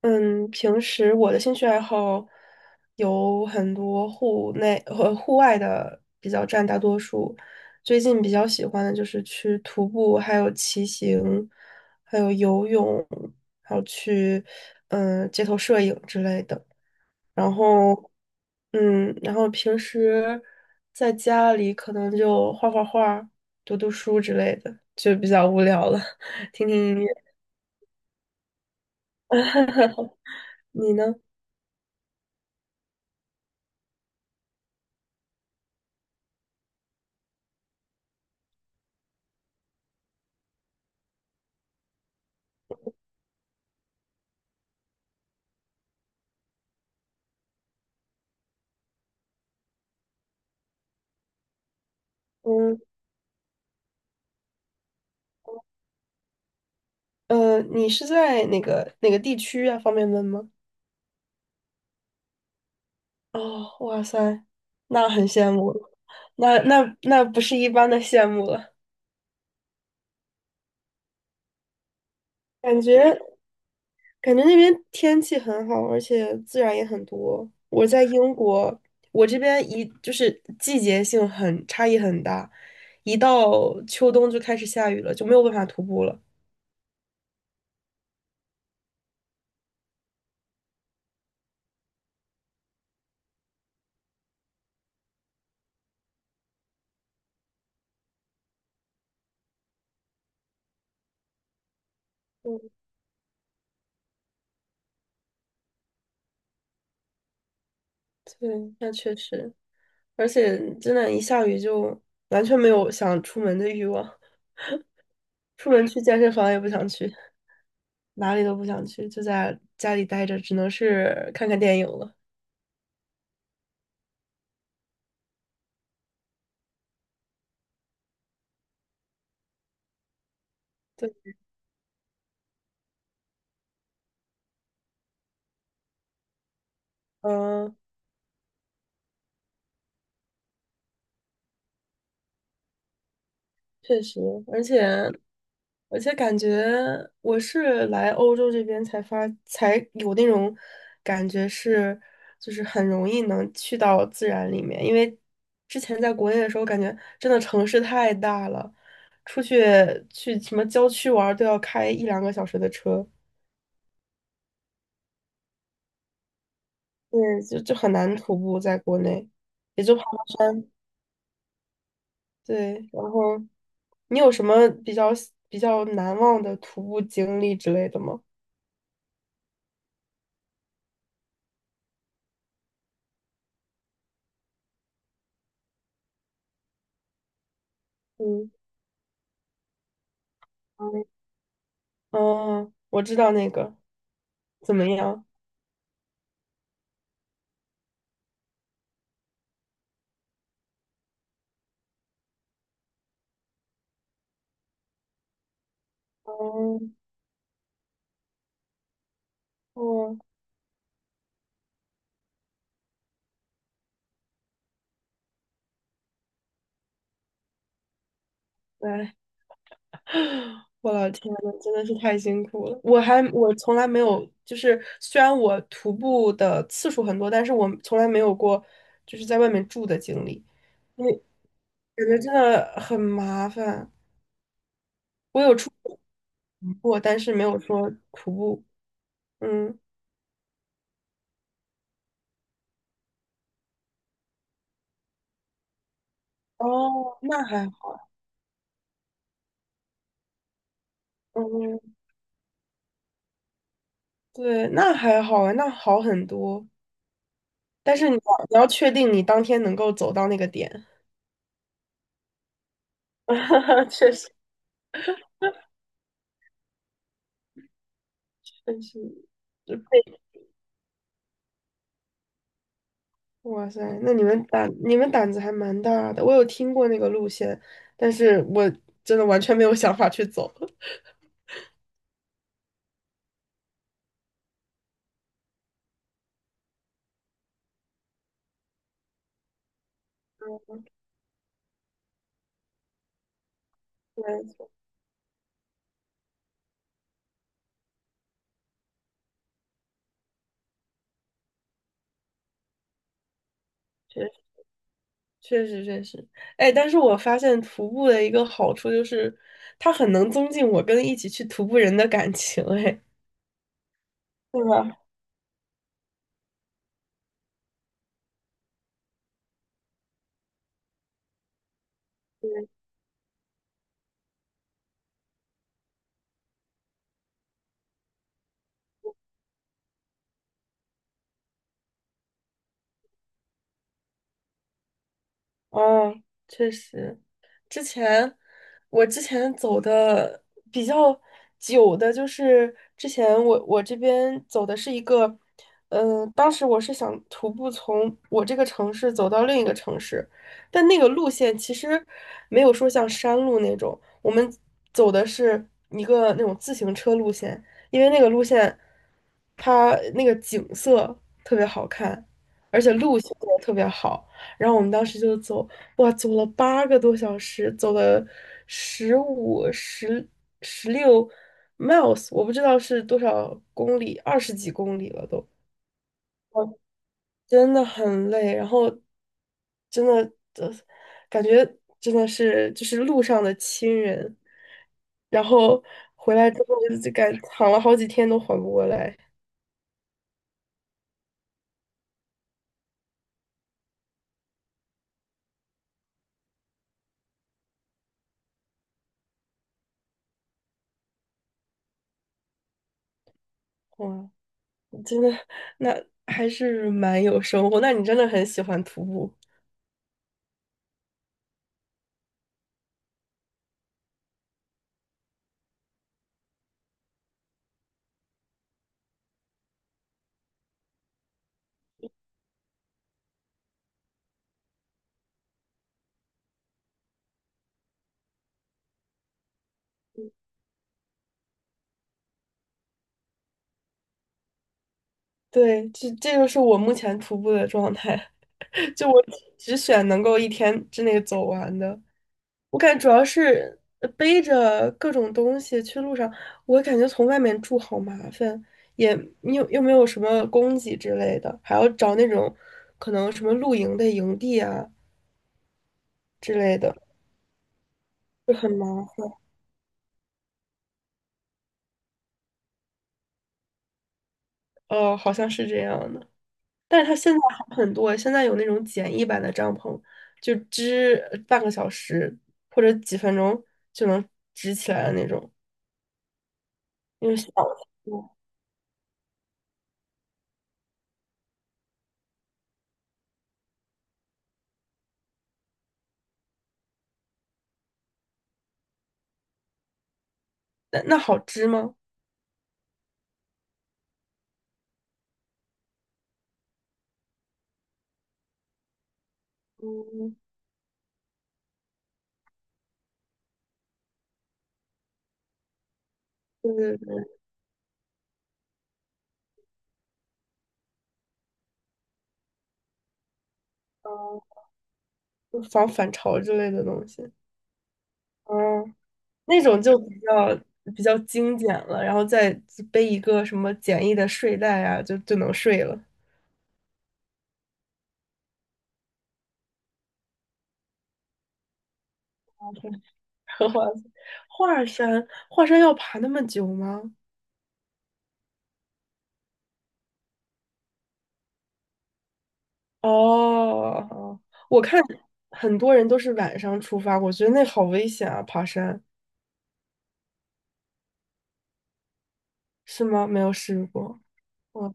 嗯，平时我的兴趣爱好有很多户内和户外的比较占大多数。最近比较喜欢的就是去徒步，还有骑行，还有游泳，还有去街头摄影之类的。然后然后平时在家里可能就画画、读读书之类的，就比较无聊了，听听音乐。你呢？嗯。你是在哪个地区啊？方便问吗？哦，哇塞，那很羡慕了。那不是一般的羡慕了。感觉感觉那边天气很好，而且自然也很多。我在英国，我这边就是季节性差异很大，一到秋冬就开始下雨了，就没有办法徒步了。嗯，对，那确实，而且真的，一下雨就完全没有想出门的欲望。出门去健身房也不想去，哪里都不想去，就在家里待着，只能是看看电影了。对，嗯，确实，而且而且感觉我是来欧洲这边才有那种感觉是，就是很容易能去到自然里面，因为之前在国内的时候，感觉真的城市太大了，出去去什么郊区玩儿都要开一两个小时的车，对，就很难徒步在国内。也就跑。对，然后你有什么比较难忘的徒步经历之类的吗？嗯，嗯，我知道那个怎么样？哦哦，来，我老天呐，真的是太辛苦了。我从来没有，就是虽然我徒步的次数很多，但是我从来没有过就是在外面住的经历，因为感觉真的很麻烦。我有出过，但是没有说徒步。嗯，哦，那还好。嗯，对，那还好啊，那好很多。但是你要确定你当天能够走到那个点。确实，确实，就被，哇塞，那你们胆子还蛮大的。我有听过那个路线，但是我真的完全没有想法去走。没错，确实确实确实，哎，但是我发现徒步的一个好处就是，它很能增进我跟一起去徒步人的感情，哎，对吧？哦，确实。之前之前走的比较久的，就是之前我这边走的是一个，当时我是想徒步从我这个城市走到另一个城市，但那个路线其实没有说像山路那种，我们走的是一个那种自行车路线，因为那个路线它那个景色特别好看，而且路线也特别好。然后我们当时就走，哇，走了8个多小时，走了15、十六 miles，我不知道是多少公里，20几公里了都，真的很累。然后真的，呃，感觉真的是就是路上的亲人。然后回来之后就感躺了好几天都缓不过来，哇，真的，那还是蛮有收获。那你真的很喜欢徒步。对，这就是我目前徒步的状态，就我只选能够一天之内走完的。我感觉主要是背着各种东西去路上，我感觉从外面住好麻烦，也又没有什么供给之类的，还要找那种可能什么露营的营地啊之类的，就很麻烦。哦，好像是这样的。但是它现在好很多，现在有那种简易版的帐篷，就支半个小时或者几分钟就能支起来的那种，因为小嗯那好支吗？嗯，对对对，嗯，就防反潮之类的东西，嗯，那种就比较精简了，然后再背一个什么简易的睡袋啊，就能睡了。华华山，华山要爬那么久吗？哦，哦我看很多人都是晚上出发，我觉得那好危险啊，爬山是吗？没有试过。嗯，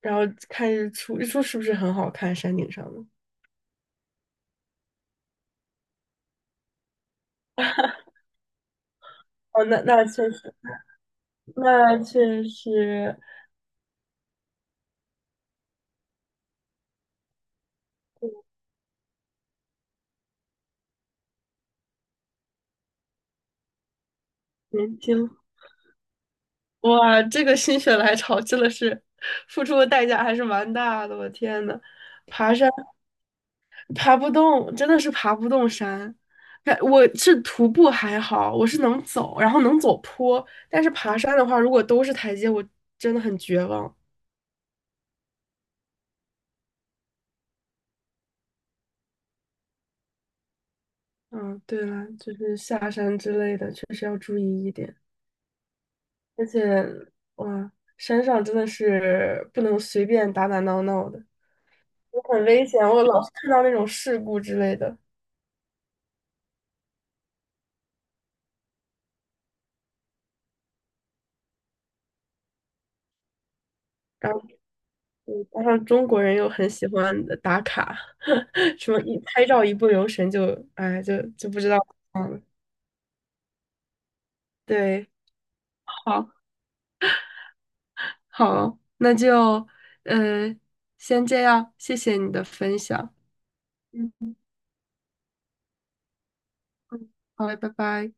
然后看日出，日出是不是很好看？山顶上的。哦，那确实，那确实年轻。哇，这个心血来潮真的是付出的代价还是蛮大的，我天呐，爬山。爬不动，真的是爬不动山。哎我是徒步还好，我是能走，然后能走坡，但是爬山的话，如果都是台阶，我真的很绝望。嗯，对了，就是下山之类的，确实要注意一点。而且，哇，山上真的是不能随便打打闹闹的，很危险。我老是看到那种事故之类的。然后。加上中国人又很喜欢的打卡，什么一拍照一不留神就，哎，就不知道嗯，对，好，好，那就，嗯、先这样，谢谢你的分享，嗯，好嘞，拜拜。